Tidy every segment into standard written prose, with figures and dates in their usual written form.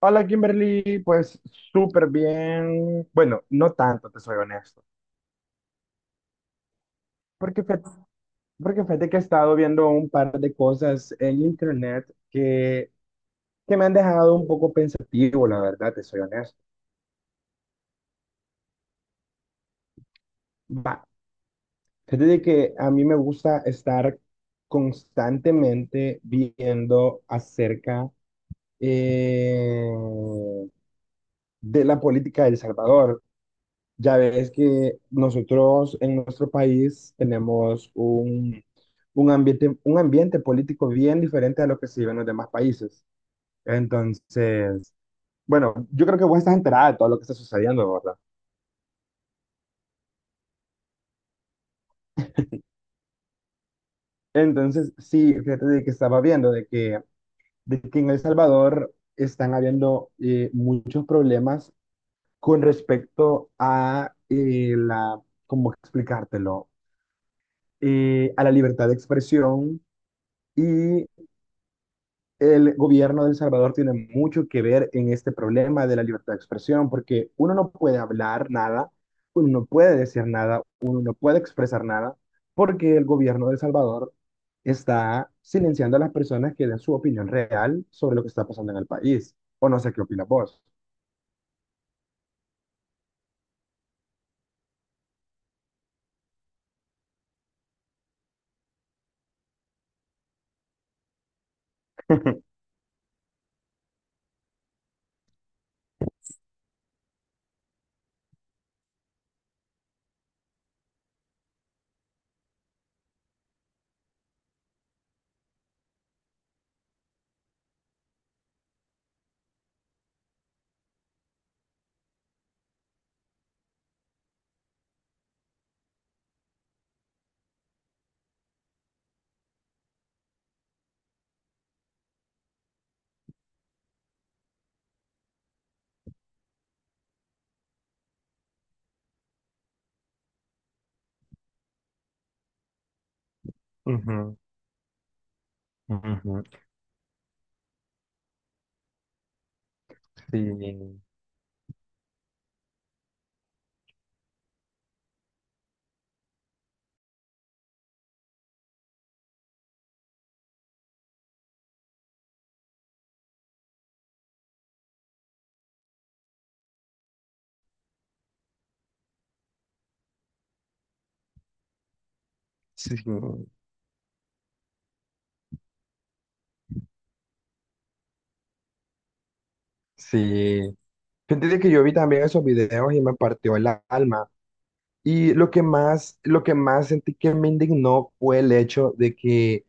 Hola Kimberly, pues súper bien. Bueno, no tanto, te soy honesto. Porque, fe- porque fíjate que he estado viendo un par de cosas en internet que me han dejado un poco pensativo, la verdad, te soy honesto. Va, fíjate de que a mí me gusta estar constantemente viendo acerca eh, de la política de El Salvador. Ya ves que nosotros en nuestro país tenemos un ambiente político bien diferente a lo que se vive en los demás países. Entonces, bueno, yo creo que vos estás enterada de todo lo que está sucediendo, ¿verdad? Entonces, sí, fíjate de que estaba viendo de que en El Salvador están habiendo muchos problemas con respecto a ¿cómo explicártelo? A la libertad de expresión y el gobierno de El Salvador tiene mucho que ver en este problema de la libertad de expresión, porque uno no puede hablar nada, uno no puede decir nada, uno no puede expresar nada, porque el gobierno de El Salvador está silenciando a las personas que den su opinión real sobre lo que está pasando en el país. O no sé qué opinas vos. Ujú, ujú. Sí, sí, sí. Fíjate que yo vi también esos videos y me partió el alma. Y lo que más sentí que me indignó fue el hecho de que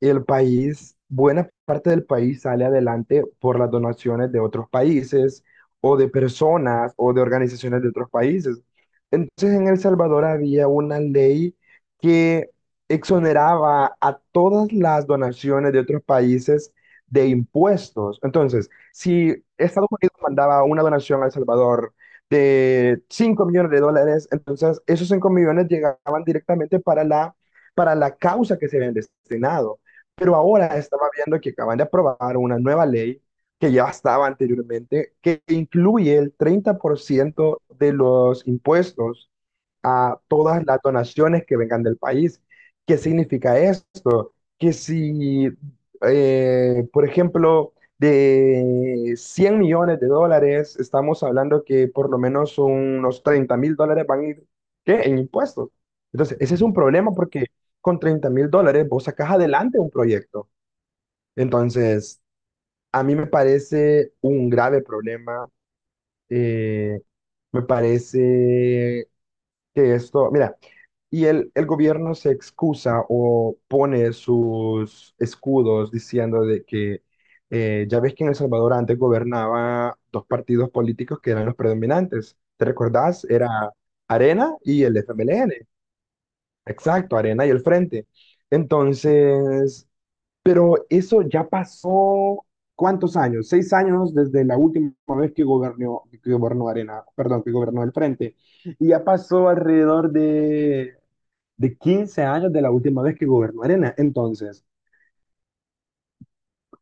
el país, buena parte del país sale adelante por las donaciones de otros países o de personas o de organizaciones de otros países. Entonces en El Salvador había una ley que exoneraba a todas las donaciones de otros países de impuestos. Entonces, si Estados Unidos mandaba una donación a El Salvador de $5 millones, entonces esos 5 millones llegaban directamente para para la causa que se habían destinado. Pero ahora estamos viendo que acaban de aprobar una nueva ley que ya estaba anteriormente, que incluye el 30% de los impuestos a todas las donaciones que vengan del país. ¿Qué significa esto? Que si, por ejemplo, de $100 millones, estamos hablando que por lo menos unos $30.000 van a ir ¿qué? En impuestos. Entonces, ese es un problema porque con $30.000 vos sacás adelante un proyecto. Entonces, a mí me parece un grave problema. eh, Me parece que esto, mira, y el gobierno se excusa o pone sus escudos diciendo de que ya ves que en El Salvador antes gobernaba dos partidos políticos que eran los predominantes. ¿Te recordás? Era Arena y el FMLN. Exacto, Arena y el Frente. Entonces... Pero eso ya pasó, ¿cuántos años? 6 años desde la última vez que gobernó Arena, perdón, que gobernó el Frente. Y ya pasó alrededor de 15 años de la última vez que gobernó Arena. Entonces,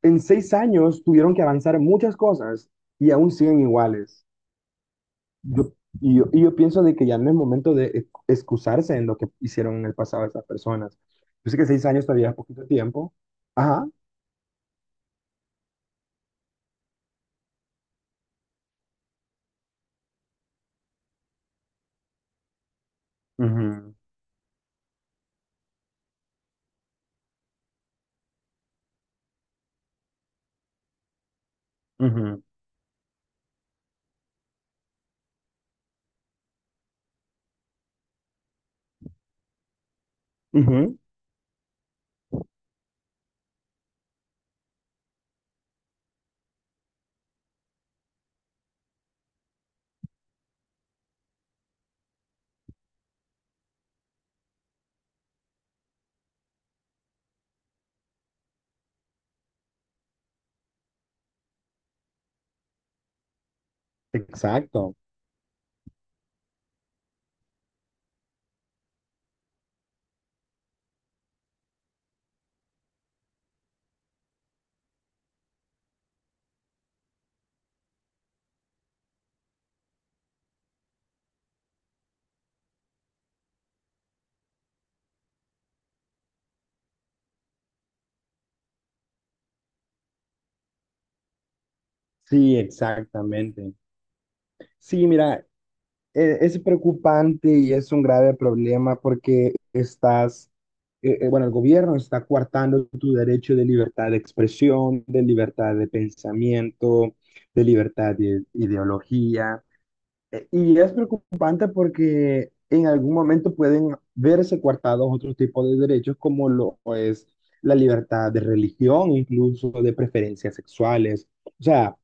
en 6 años tuvieron que avanzar muchas cosas y aún siguen iguales. Yo, y yo pienso de que ya no es momento de excusarse en lo que hicieron en el pasado esas personas. Yo sé que 6 años todavía es poquito tiempo. Ajá. Ujú, ujú, ujú. Exacto, sí, exactamente. Sí, mira, es preocupante y es un grave problema porque bueno, el gobierno está coartando tu derecho de libertad de expresión, de libertad de pensamiento, de libertad de ideología. Y es preocupante porque en algún momento pueden verse coartados otros tipos de derechos como lo es la libertad de religión, incluso de preferencias sexuales. O sea,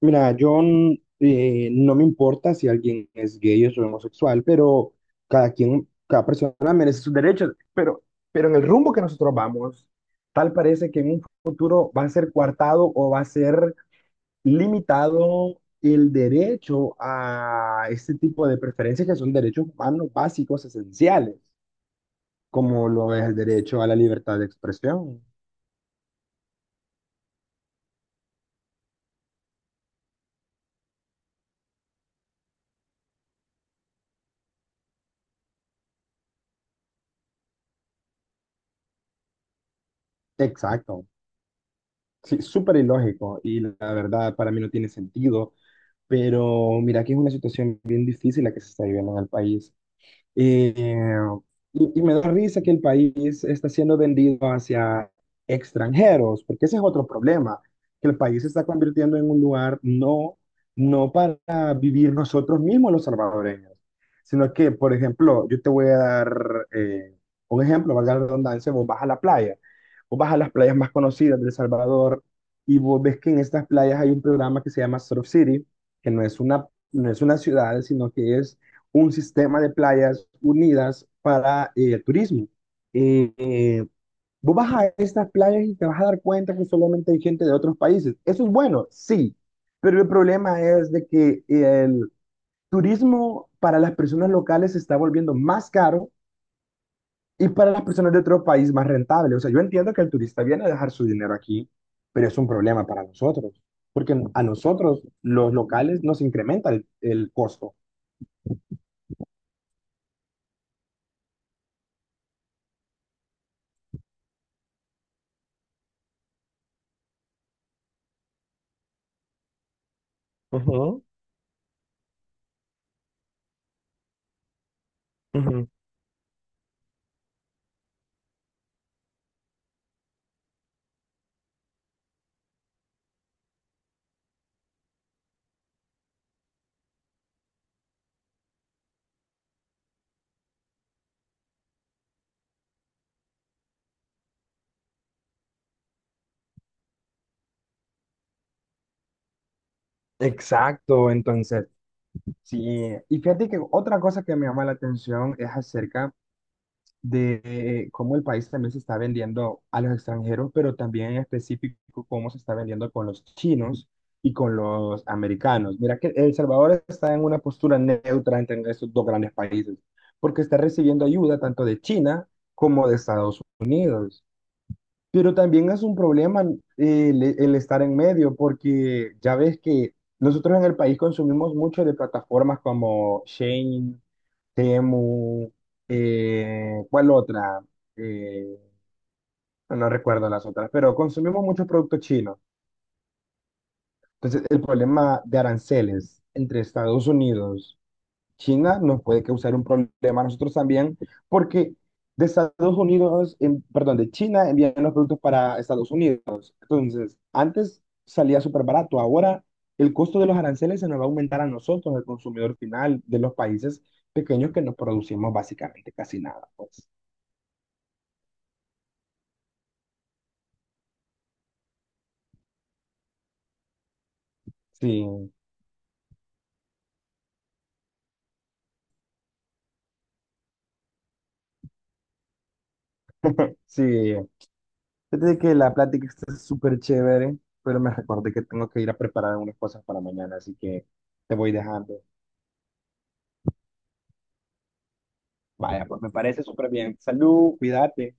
mira, no me importa si alguien es gay o es homosexual, pero cada persona merece sus derechos. Pero en el rumbo que nosotros vamos, tal parece que en un futuro va a ser coartado o va a ser limitado el derecho a este tipo de preferencias que son derechos humanos básicos, esenciales, como lo es el derecho a la libertad de expresión. Exacto. Sí, súper ilógico y la verdad para mí no tiene sentido. Pero mira que es una situación bien difícil la que se está viviendo en el país. Eh, y me da risa que el país está siendo vendido hacia extranjeros, porque ese es otro problema, que el país se está convirtiendo en un lugar no para vivir nosotros mismos los salvadoreños, sino que, por ejemplo, yo te voy a dar un ejemplo, valga la redundancia, vos vas a la playa, vos vas a las playas más conocidas de El Salvador y vos ves que en estas playas hay un programa que se llama Surf City, que no es una ciudad, sino que es un sistema de playas unidas para el turismo. Eh, eh, Vos vas a estas playas y te vas a dar cuenta que solamente hay gente de otros países. Eso es bueno, sí, pero el problema es de que el turismo para las personas locales se está volviendo más caro y para las personas de otro país más rentable. O sea, yo entiendo que el turista viene a dejar su dinero aquí, pero es un problema para nosotros, porque a nosotros los locales nos incrementa el costo. Ujú, ujú. Exacto, entonces, sí. Y fíjate que otra cosa que me llama la atención es acerca de cómo el país también se está vendiendo a los extranjeros, pero también en específico cómo se está vendiendo con los chinos y con los americanos. Mira que El Salvador está en una postura neutra entre estos dos grandes países, porque está recibiendo ayuda tanto de China como de Estados Unidos. Pero también es un problema el estar en medio, porque ya ves que nosotros en el país consumimos mucho de plataformas como Shein, Temu, ¿cuál otra? Eh, no recuerdo las otras, pero consumimos muchos productos chinos. Entonces, el problema de aranceles entre Estados Unidos China nos puede causar un problema a nosotros también, porque de Estados Unidos, en- perdón, de China envían los productos para Estados Unidos. Entonces, antes salía súper barato, ahora el costo de los aranceles se nos va a aumentar a nosotros, el consumidor final de los países pequeños que nos producimos básicamente casi nada, pues. Sí, sí. Fíjate que la plática está súper chévere, pero me recordé que tengo que ir a preparar unas cosas para mañana, así que te voy dejando. Vaya, pues me parece súper bien. Salud, cuídate.